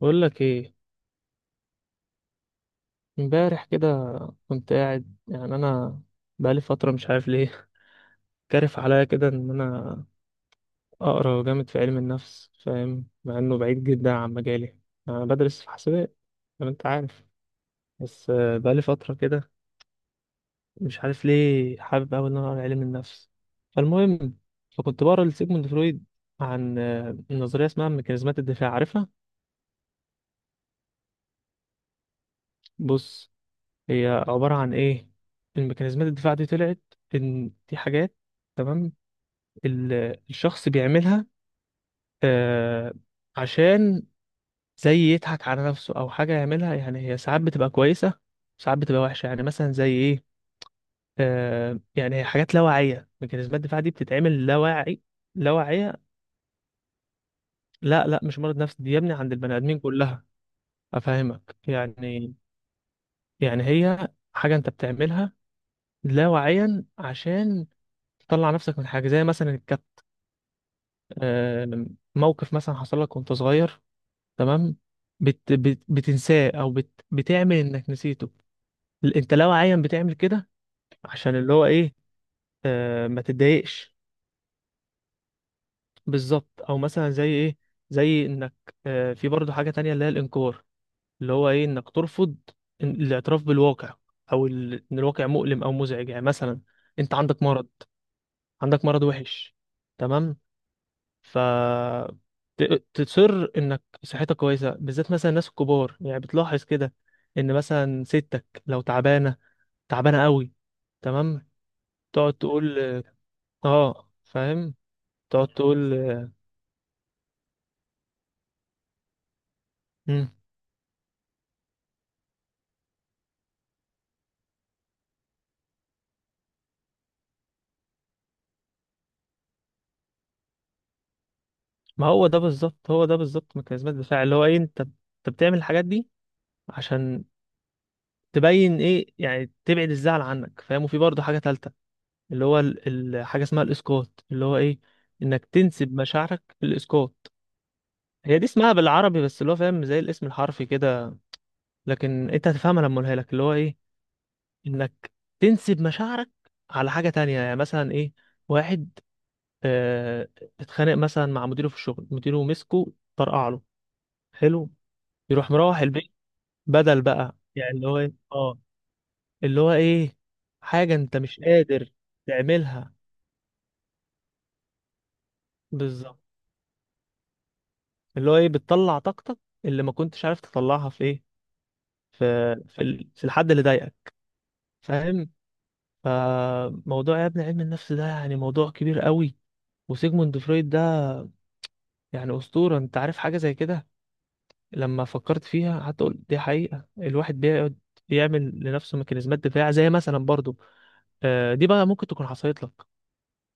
بقول لك ايه. امبارح كده كنت قاعد، انا بقالي فتره مش عارف ليه. كارف عليا كده ان انا اقرا جامد في علم النفس، فاهم؟ مع انه بعيد جدا عن مجالي، انا بدرس في حسابات زي ما انت عارف. بس بقالي فتره كده مش عارف ليه حابب اوي ان انا اقرا علم النفس. فالمهم، فكنت بقرا لسيجموند فرويد عن نظريه اسمها ميكانيزمات الدفاع، عارفها؟ بص، هي عباره عن ايه؟ الميكانيزمات الدفاع دي طلعت ان دي حاجات، تمام؟ الشخص بيعملها آه، عشان زي يضحك على نفسه او حاجه يعملها. يعني هي ساعات بتبقى كويسه، ساعات بتبقى وحشه. يعني مثلا زي ايه؟ يعني هي حاجات لا واعيه، ميكانيزمات الدفاع دي بتتعمل لا واعي، لا واعيه. لا لا، مش مرض نفسي، دي يا ابني عند البني ادمين كلها. افهمك يعني؟ يعني هي حاجه انت بتعملها لا واعيا عشان تطلع نفسك من حاجه، زي مثلا الكت، آه، موقف مثلا حصل لك وانت صغير، تمام؟ بت بتنساه او بتعمل انك نسيته. انت لو عيان بتعمل كده عشان اللي هو ايه، ما تتضايقش. بالظبط، او مثلا زي ايه، زي انك في برضه حاجة تانية اللي هي الانكار، اللي هو ايه انك ترفض الاعتراف بالواقع، او ان الواقع مؤلم او مزعج. يعني مثلا انت عندك مرض، عندك مرض وحش، تمام؟ ف تصر انك صحتك كويسه. بالذات مثلا الناس الكبار، يعني بتلاحظ كده ان مثلا ستك لو تعبانه، تعبانه قوي، تمام؟ تقعد تقول، اه فاهم، تقعد تقول مم. ما هو ده بالظبط، هو ده بالظبط ميكانيزمات الدفاع. اللي هو ايه، انت بتعمل الحاجات دي عشان تبين ايه، يعني تبعد الزعل عنك، فاهم؟ وفي برضه حاجه ثالثه اللي هو حاجه اسمها الاسقاط. اللي هو ايه، انك تنسب مشاعرك للاسقاط. هي دي اسمها بالعربي، بس اللي هو فاهم زي الاسم الحرفي كده، لكن انت هتفهمها لما اقولها لك. اللي هو ايه، انك تنسب مشاعرك على حاجة تانية. يعني مثلا ايه؟ واحد اه اتخانق مثلا مع مديره في الشغل، مديره مسكه طرقع له، حلو، يروح مروح البيت بدل بقى، يعني اللي هو ايه اه، اللي هو ايه حاجة انت مش قادر تعملها، بالظبط. اللي هو ايه، بتطلع طاقتك اللي ما كنتش عارف تطلعها في ايه، في الحد اللي ضايقك، فاهم؟ فموضوع يا ابني علم النفس ده يعني موضوع كبير قوي، وسيجموند فرويد ده يعني أسطورة، انت عارف حاجة زي كده؟ لما فكرت فيها حتى قلت دي حقيقة، الواحد بيقعد يعمل لنفسه ميكانيزمات دفاع. زي مثلا برضو دي بقى ممكن تكون حصلت لك،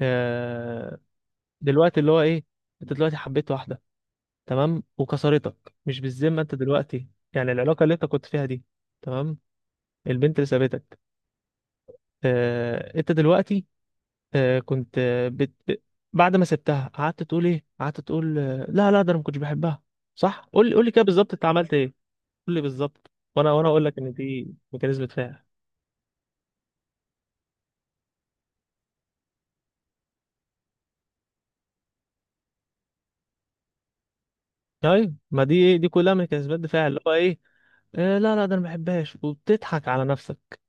آه، دلوقتي اللي هو ايه، انت دلوقتي حبيت واحدة، تمام؟ وكسرتك، مش بالذمة انت دلوقتي، يعني العلاقة اللي انت كنت فيها دي، تمام؟ البنت اللي سابتك، انت دلوقتي، آه، كنت آه، بت... ب- بعد ما سبتها قعدت تقول ايه، قعدت تقول لا لا، ده انا ما كنتش بحبها. صح؟ قول لي، قول لي كده بالظبط، انت عملت ايه؟ قول لي بالظبط، وانا اقول لك ان دي ميكانيزم دفاع. ايوه، ما دي ايه، دي كلها ميكانيزمات دفاع. اللي هو ايه، لا لا ده انا ما بحبهاش، وبتضحك على نفسك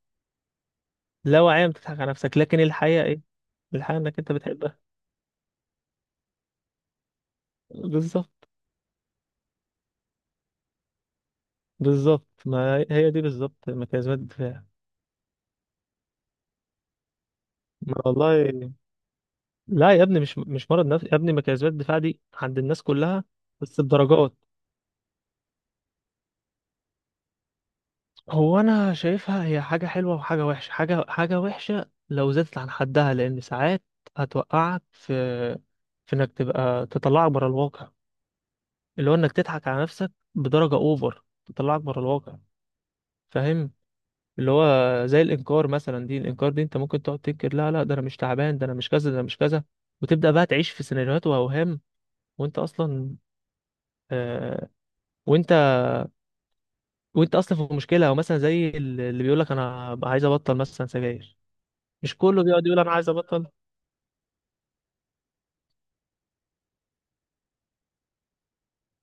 لا واعية، بتضحك على نفسك، لكن الحقيقة ايه؟ الحقيقة انك انت بتحبها. بالظبط، بالظبط، ما هي دي بالظبط ميكانيزمات الدفاع. ما والله لا يا ابني، مش مرض نفسي يا ابني، مكيزات الدفاع دي عند الناس كلها. بس بدرجات، هو انا شايفها هي حاجه حلوه وحاجه وحشه. حاجه وحشه لو زادت عن حدها، لان ساعات هتوقعك في انك تبقى، تطلعك بره الواقع. اللي هو انك تضحك على نفسك بدرجه اوفر، تطلعك بره الواقع، فاهم؟ اللي هو زي الانكار مثلا. دي الانكار دي انت ممكن تقعد تنكر، لا لا ده انا مش تعبان، ده انا مش كذا، ده انا مش كذا، وتبدا بقى تعيش في سيناريوهات واوهام، وانت اصلا آه، وانت وانت اصلا في مشكله. او مثلا زي اللي بيقول لك انا عايز ابطل مثلا سجاير، مش كله بيقعد يقول انا عايز ابطل؟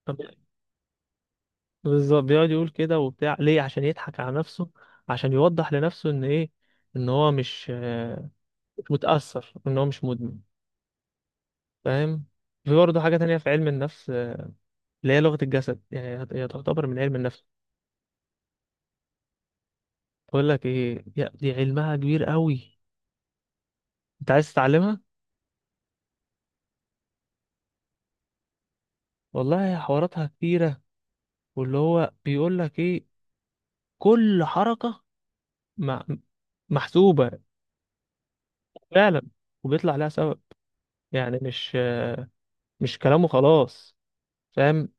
طب بالظبط، بيقعد يقول كده وبتاع ليه؟ عشان يضحك على نفسه، عشان يوضح لنفسه ان ايه، ان هو مش مش متاثر، ان هو مش مدمن، فاهم؟ في برضه حاجه تانية في علم النفس اللي هي لغه الجسد، يعني هي تعتبر من علم النفس. بقول لك ايه دي علمها كبير قوي، انت عايز تتعلمها؟ والله حواراتها كتيره، واللي هو بيقول لك ايه، كل حركه م- محسوبة. فعلا، وبيطلع لها سبب. يعني مش، مش كلامه خلاص، فاهم؟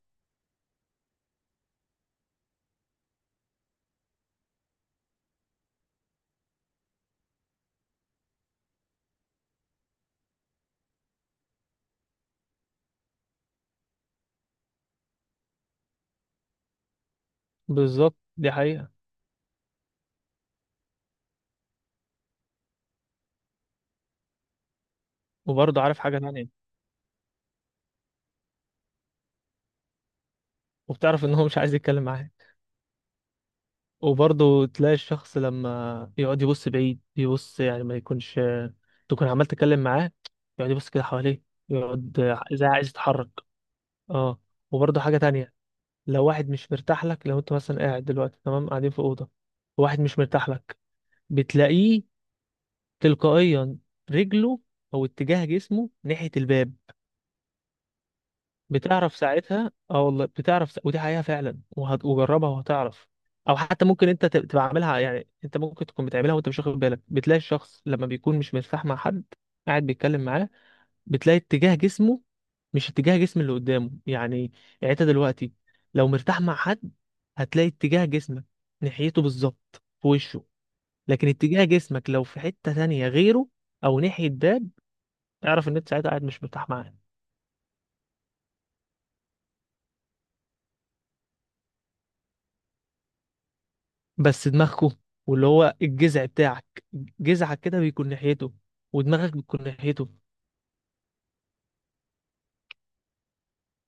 بالظبط، دي حقيقة. وبرضه عارف حاجة تانية، وبتعرف ان هو مش عايز يتكلم معاك. وبرضه تلاقي الشخص لما يقعد يبص بعيد، يبص يعني ما يكونش تكون عمال تتكلم معاه، يقعد يبص كده حواليه، يقعد زي عايز يتحرك. اه، وبرضه حاجة تانية، لو واحد مش مرتاح لك، لو انت مثلا قاعد دلوقتي، تمام، قاعدين في أوضة، واحد مش مرتاح لك، بتلاقيه تلقائيا رجله او اتجاه جسمه ناحية الباب. بتعرف ساعتها، اه والله بتعرف ودي حقيقة فعلا، وهتجربها وهتعرف. او حتى ممكن انت تبقى عاملها، يعني انت ممكن تكون بتعملها وانت مش واخد بالك. بتلاقي الشخص لما بيكون مش مرتاح مع حد، قاعد بيتكلم معاه، بتلاقي اتجاه جسمه مش اتجاه جسم اللي قدامه. يعني يعني انت دلوقتي لو مرتاح مع حد، هتلاقي اتجاه جسمك ناحيته بالظبط في وشه، لكن اتجاه جسمك لو في حتة تانية غيره او ناحية باب، اعرف ان انت ساعتها قاعد مش مرتاح معاه. بس دماغكو واللي هو الجذع بتاعك، جذعك كده بيكون ناحيته، ودماغك بتكون ناحيته،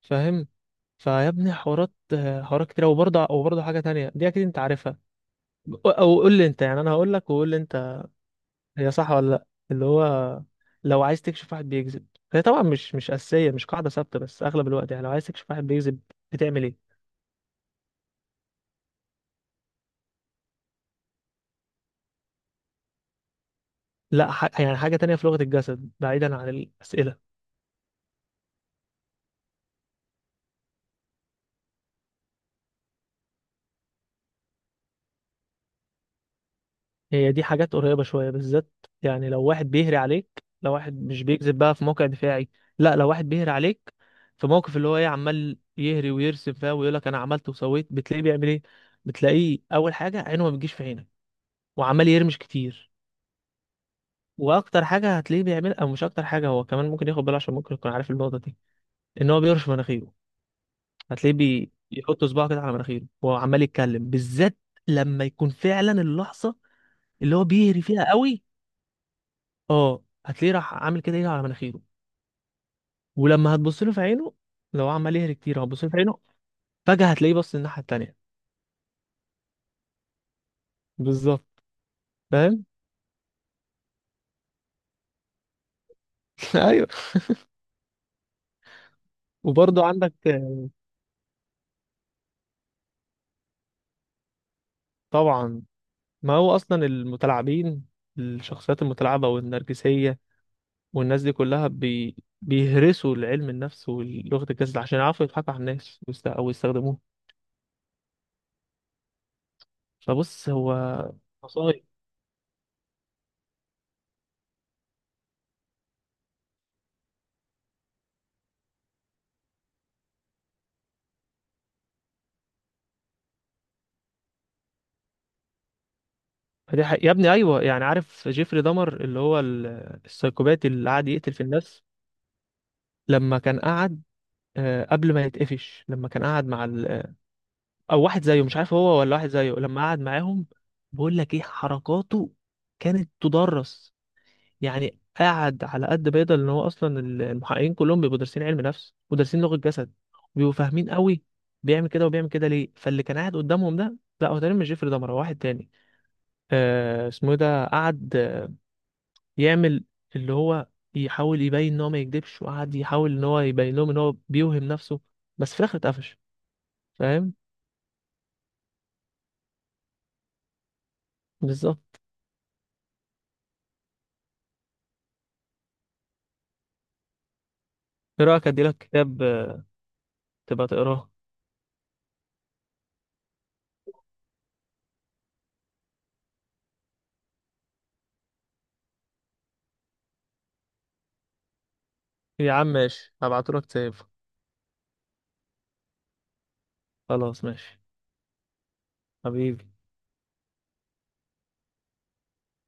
فاهم؟ فيا ابني حوارات، حوارات كتير. وبرضه حاجة تانية دي اكيد انت عارفها، او أو قول لي انت، يعني انا هقول لك وقول لي انت هي صح ولا لا. اللي هو لو عايز تكشف واحد بيكذب، هي طبعا مش أساسية، مش قاعدة ثابتة، بس اغلب الوقت. يعني لو عايز تكشف واحد بيكذب، بتعمل ايه؟ لا ح... يعني حاجة تانية في لغة الجسد بعيدا عن الأسئلة. هي دي حاجات قريبة شوية بالذات، يعني لو واحد بيهري عليك، لو واحد مش بيكذب، بقى في موقع دفاعي. لا، لو واحد بيهري عليك في موقف، اللي هو ايه، عمال يهري ويرسم فيها ويقول لك انا عملت وسويت، بتلاقيه بيعمل ايه؟ بتلاقيه اول حاجة عينه ما بتجيش في عينك، وعمال يرمش كتير. واكتر حاجة هتلاقيه بيعمل، او مش اكتر حاجة، هو كمان ممكن ياخد باله عشان ممكن يكون عارف النقطة دي، ان هو بيرش مناخيره. هتلاقيه بيحط صباعه كده على مناخيره وهو عمال يتكلم، بالذات لما يكون فعلا اللحظة اللي هو بيهري فيها قوي. اه، هتلاقيه راح عامل كده ايده على مناخيره. ولما هتبص له في عينه، لو عمال يهري كتير هتبص له في عينه، فجأة هتلاقيه بص الناحية التانية. بالظبط، فاهم؟ ايوه. وبرضه عندك، طبعا، ما هو اصلا المتلاعبين، الشخصيات المتلاعبة والنرجسية والناس دي كلها بيهرسوا العلم النفس ولغة الجسد عشان يعرفوا يضحكوا على الناس او يستخدموه. فبص هو مصايب. فدي حقيقة. يا ابني ايوه، يعني عارف جيفري دمر اللي هو السايكوباتي اللي قاعد يقتل في الناس؟ لما كان قعد قبل ما يتقفش، لما كان قعد مع او واحد زيه، مش عارف هو ولا واحد زيه، لما قعد معاهم، بقول لك ايه، حركاته كانت تدرس. يعني قعد على قد ما يقدر، ان هو اصلا المحققين كلهم بيبقوا دارسين علم نفس ودارسين لغة جسد، وبيبقوا فاهمين قوي. بيعمل كده وبيعمل كده ليه؟ فاللي كان قاعد قدامهم ده، لا هو تقريبا مش جيفري دمر، هو واحد تاني، آه اسمه ايه ده، قعد يعمل اللي هو يحاول يبين ان هو ما يكدبش، وقعد يحاول ان هو يبين لهم ان هو بيوهم نفسه، بس في الاخر اتقفش، فاهم؟ بالظبط. ايه رايك اديلك كتاب تبقى تقراه؟ يا عم ماشي، هبعتهولك تسيب. خلاص ماشي، حبيبي.